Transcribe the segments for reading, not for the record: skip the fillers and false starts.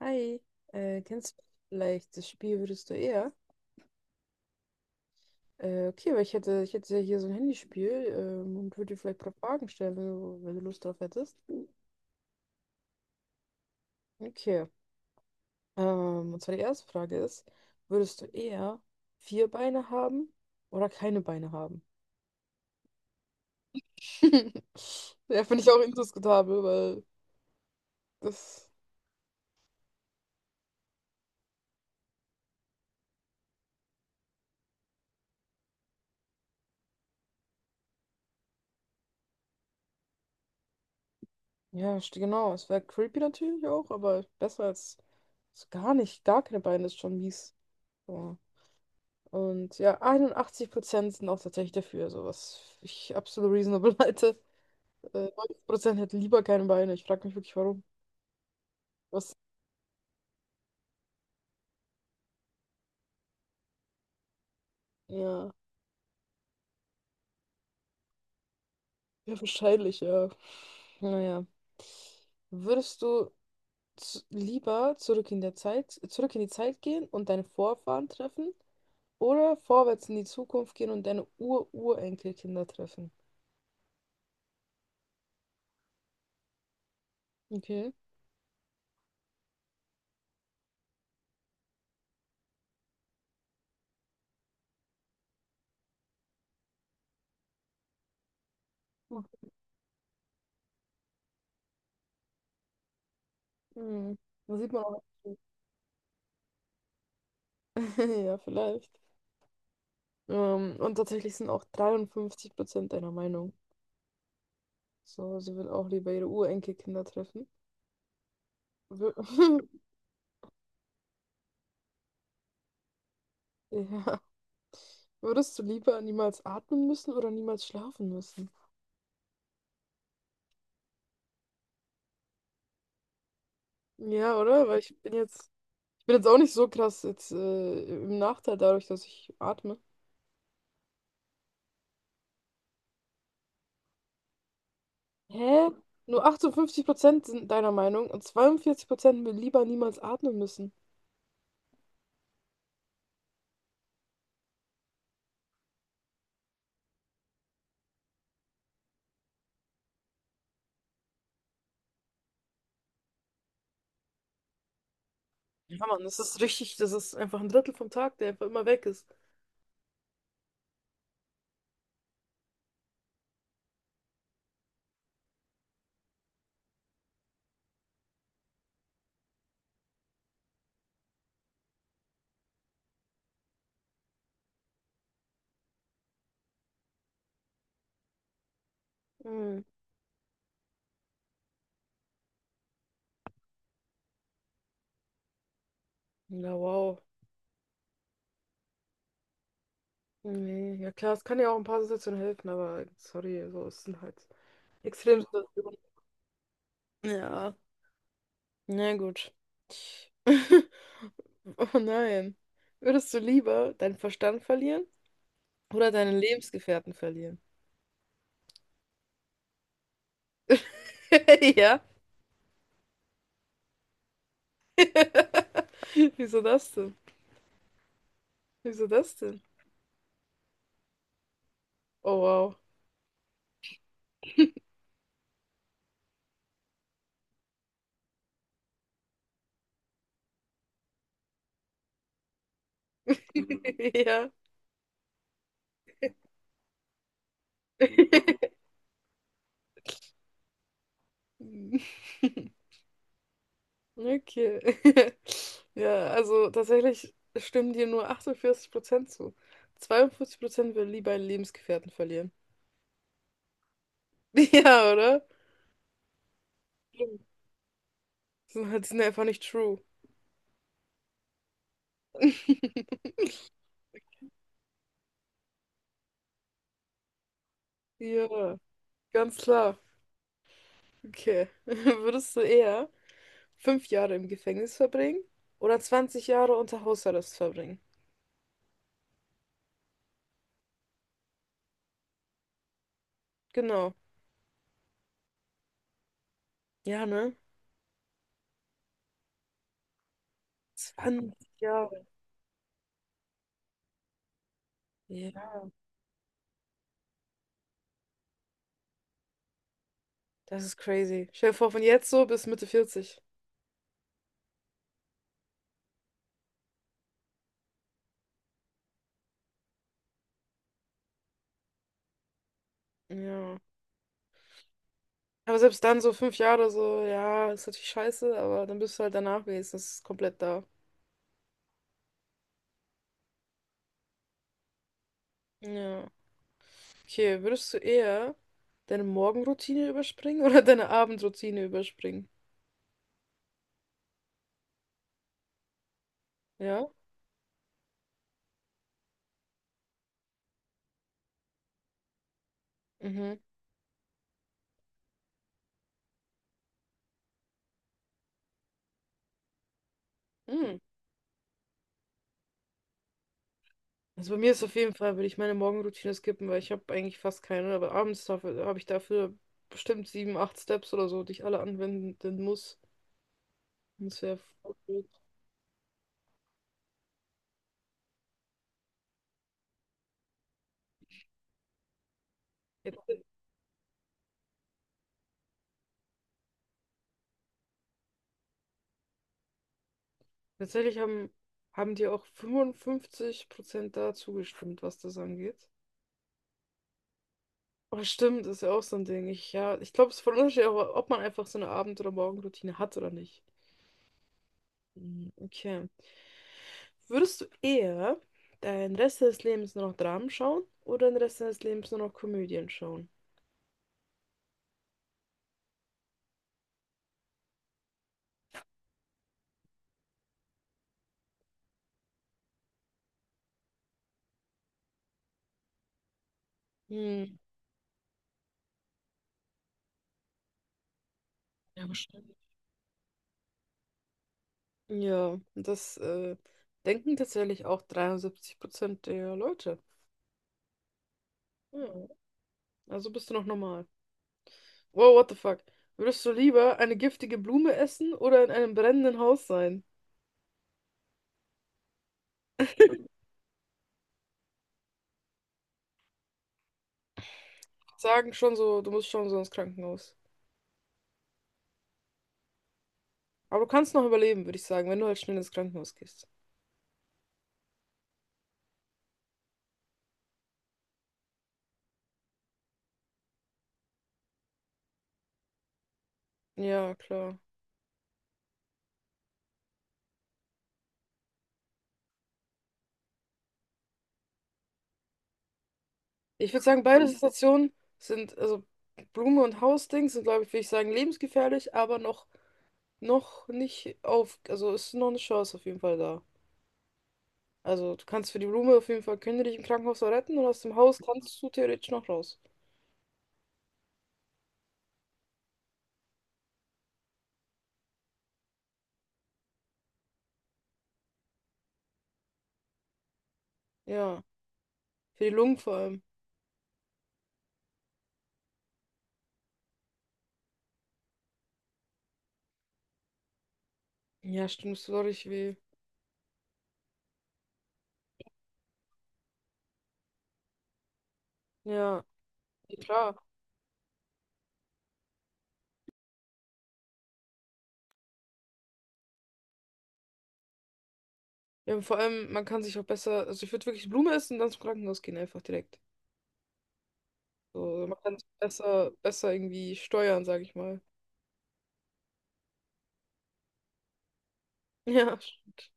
Hi, kennst du vielleicht das Spiel Würdest du eher? Okay, weil ich hätte ja hier so ein Handyspiel und würde dir vielleicht ein paar Fragen stellen, wenn du, wenn du Lust drauf hättest. Okay, und zwar die erste Frage ist, würdest du eher 4 Beine haben oder keine Beine haben? Ja, finde ich auch indiskutabel, weil das, ja, genau, es wäre creepy natürlich auch, aber besser als so gar nicht, gar keine Beine ist schon mies. So. Und ja, 81% sind auch tatsächlich dafür, also was ich absolut reasonable halte. 90% hätten lieber keine Beine. Ich frage mich wirklich, warum. Was? Ja, ja, wahrscheinlich, ja. Naja. Würdest du lieber zurück in die Zeit gehen und deine Vorfahren treffen oder vorwärts in die Zukunft gehen und deine Ur-Urenkelkinder treffen? Okay. Mhm. Da sieht man auch. Ja, vielleicht. Und tatsächlich sind auch 53% deiner Meinung. So, sie will auch lieber ihre Urenkelkinder treffen. Wür- Ja. Würdest du lieber niemals atmen müssen oder niemals schlafen müssen? Ja, oder? Weil ich bin jetzt auch nicht so krass jetzt im Nachteil dadurch, dass ich atme. Hä? Nur 58% sind deiner Meinung und 42% will lieber niemals atmen müssen. Ja, Mann, das ist richtig, das ist einfach ein Drittel vom Tag, der einfach immer weg ist. Mhm. Ja, wow. Nee, ja klar, es kann ja auch ein paar Situationen helfen, aber sorry, so ist es halt extrem Situationen. Ja, na gut. Oh nein. Würdest du lieber deinen Verstand verlieren oder deinen Lebensgefährten verlieren? Ja. Wieso das denn? Wieso das denn? Oh wow. Ja. Okay. Ja, also tatsächlich stimmen dir nur 48% zu. 42% würden lieber einen Lebensgefährten verlieren. Ja, oder? Stimmt. Das sind halt sind einfach nicht true. Ja, ganz klar. Okay. Würdest du eher 5 Jahre im Gefängnis verbringen oder 20 Jahre unter Hausarrest verbringen? Genau. Ja, ne? 20 Jahre. Ja, das ist crazy. Stell dir vor, von jetzt so bis Mitte 40. Ja. Aber selbst dann so 5 Jahre so, ja, ist natürlich scheiße, aber dann bist du halt danach wenigstens komplett da. Ja. Okay, würdest du eher deine Morgenroutine überspringen oder deine Abendroutine überspringen? Ja? Mhm. Hm. Also bei mir ist auf jeden Fall, würde ich meine Morgenroutine skippen, weil ich habe eigentlich fast keine, aber abends dafür habe ich dafür bestimmt 7, 8 Steps oder so, die ich alle anwenden muss. Und das wäre voll blöd. Ja, Tatsächlich haben, haben die auch 55% da zugestimmt, was das angeht. Aber stimmt, ist ja auch so ein Ding. Ich, ja, ich glaube, es ist voll unterschiedlich, ob man einfach so eine Abend- oder Morgenroutine hat oder nicht. Mhm. Okay. Würdest du eher den Rest des Lebens nur noch Dramen schauen oder den Rest des Lebens nur noch Komödien schauen? Hm. Ja, bestimmt. Ja, das denken tatsächlich auch 73% der Leute. Ja, also bist du noch normal. Wow, what the fuck? Würdest du lieber eine giftige Blume essen oder in einem brennenden Haus sein? Sagen schon so, du musst schon so ins Krankenhaus. Aber du kannst noch überleben, würde ich sagen, wenn du halt schnell ins Krankenhaus gehst. Ja, klar. Ich würde sagen, beide Situationen sind, also Blume und Hausdings sind, glaube ich, würde ich sagen, lebensgefährlich, aber noch, noch nicht auf, also ist noch eine Chance auf jeden Fall da. Also du kannst für die Blume auf jeden Fall, können die dich im Krankenhaus noch retten und aus dem Haus kannst du theoretisch noch raus. Ja, für die Lungen vor allem. Ja, stimmt, es tut auch richtig weh. Ja, ja, klar. Ja, und vor allem, man kann sich auch besser, also ich würde wirklich Blume essen und dann zum Krankenhaus gehen, einfach direkt. So, man kann es besser, besser irgendwie steuern, sage ich mal. Ja, stimmt.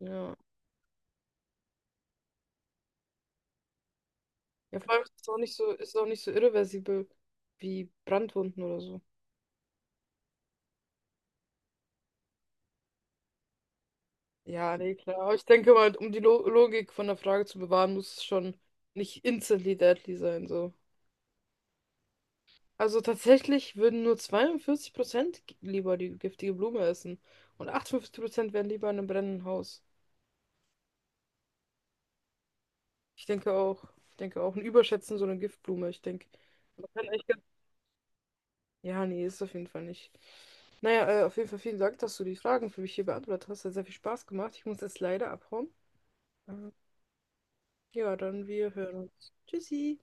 Ja. Ja, vor allem ist es auch nicht so, ist es auch nicht so irreversibel wie Brandwunden oder so. Ja, nee, klar. Aber ich denke mal, um die Lo Logik von der Frage zu bewahren, muss es schon nicht instantly deadly sein, so. Also tatsächlich würden nur 42% lieber die giftige Blume essen und 58% wären lieber in einem brennenden Haus. Ich denke auch, ich denke auch, ein Überschätzen so eine Giftblume. Ich denke, man kann echt ganz... Ja, nee, ist auf jeden Fall nicht. Naja, auf jeden Fall vielen Dank, dass du die Fragen für mich hier beantwortet hast. Hat sehr viel Spaß gemacht. Ich muss jetzt leider abhauen. Ja, dann wir hören uns. Tschüssi.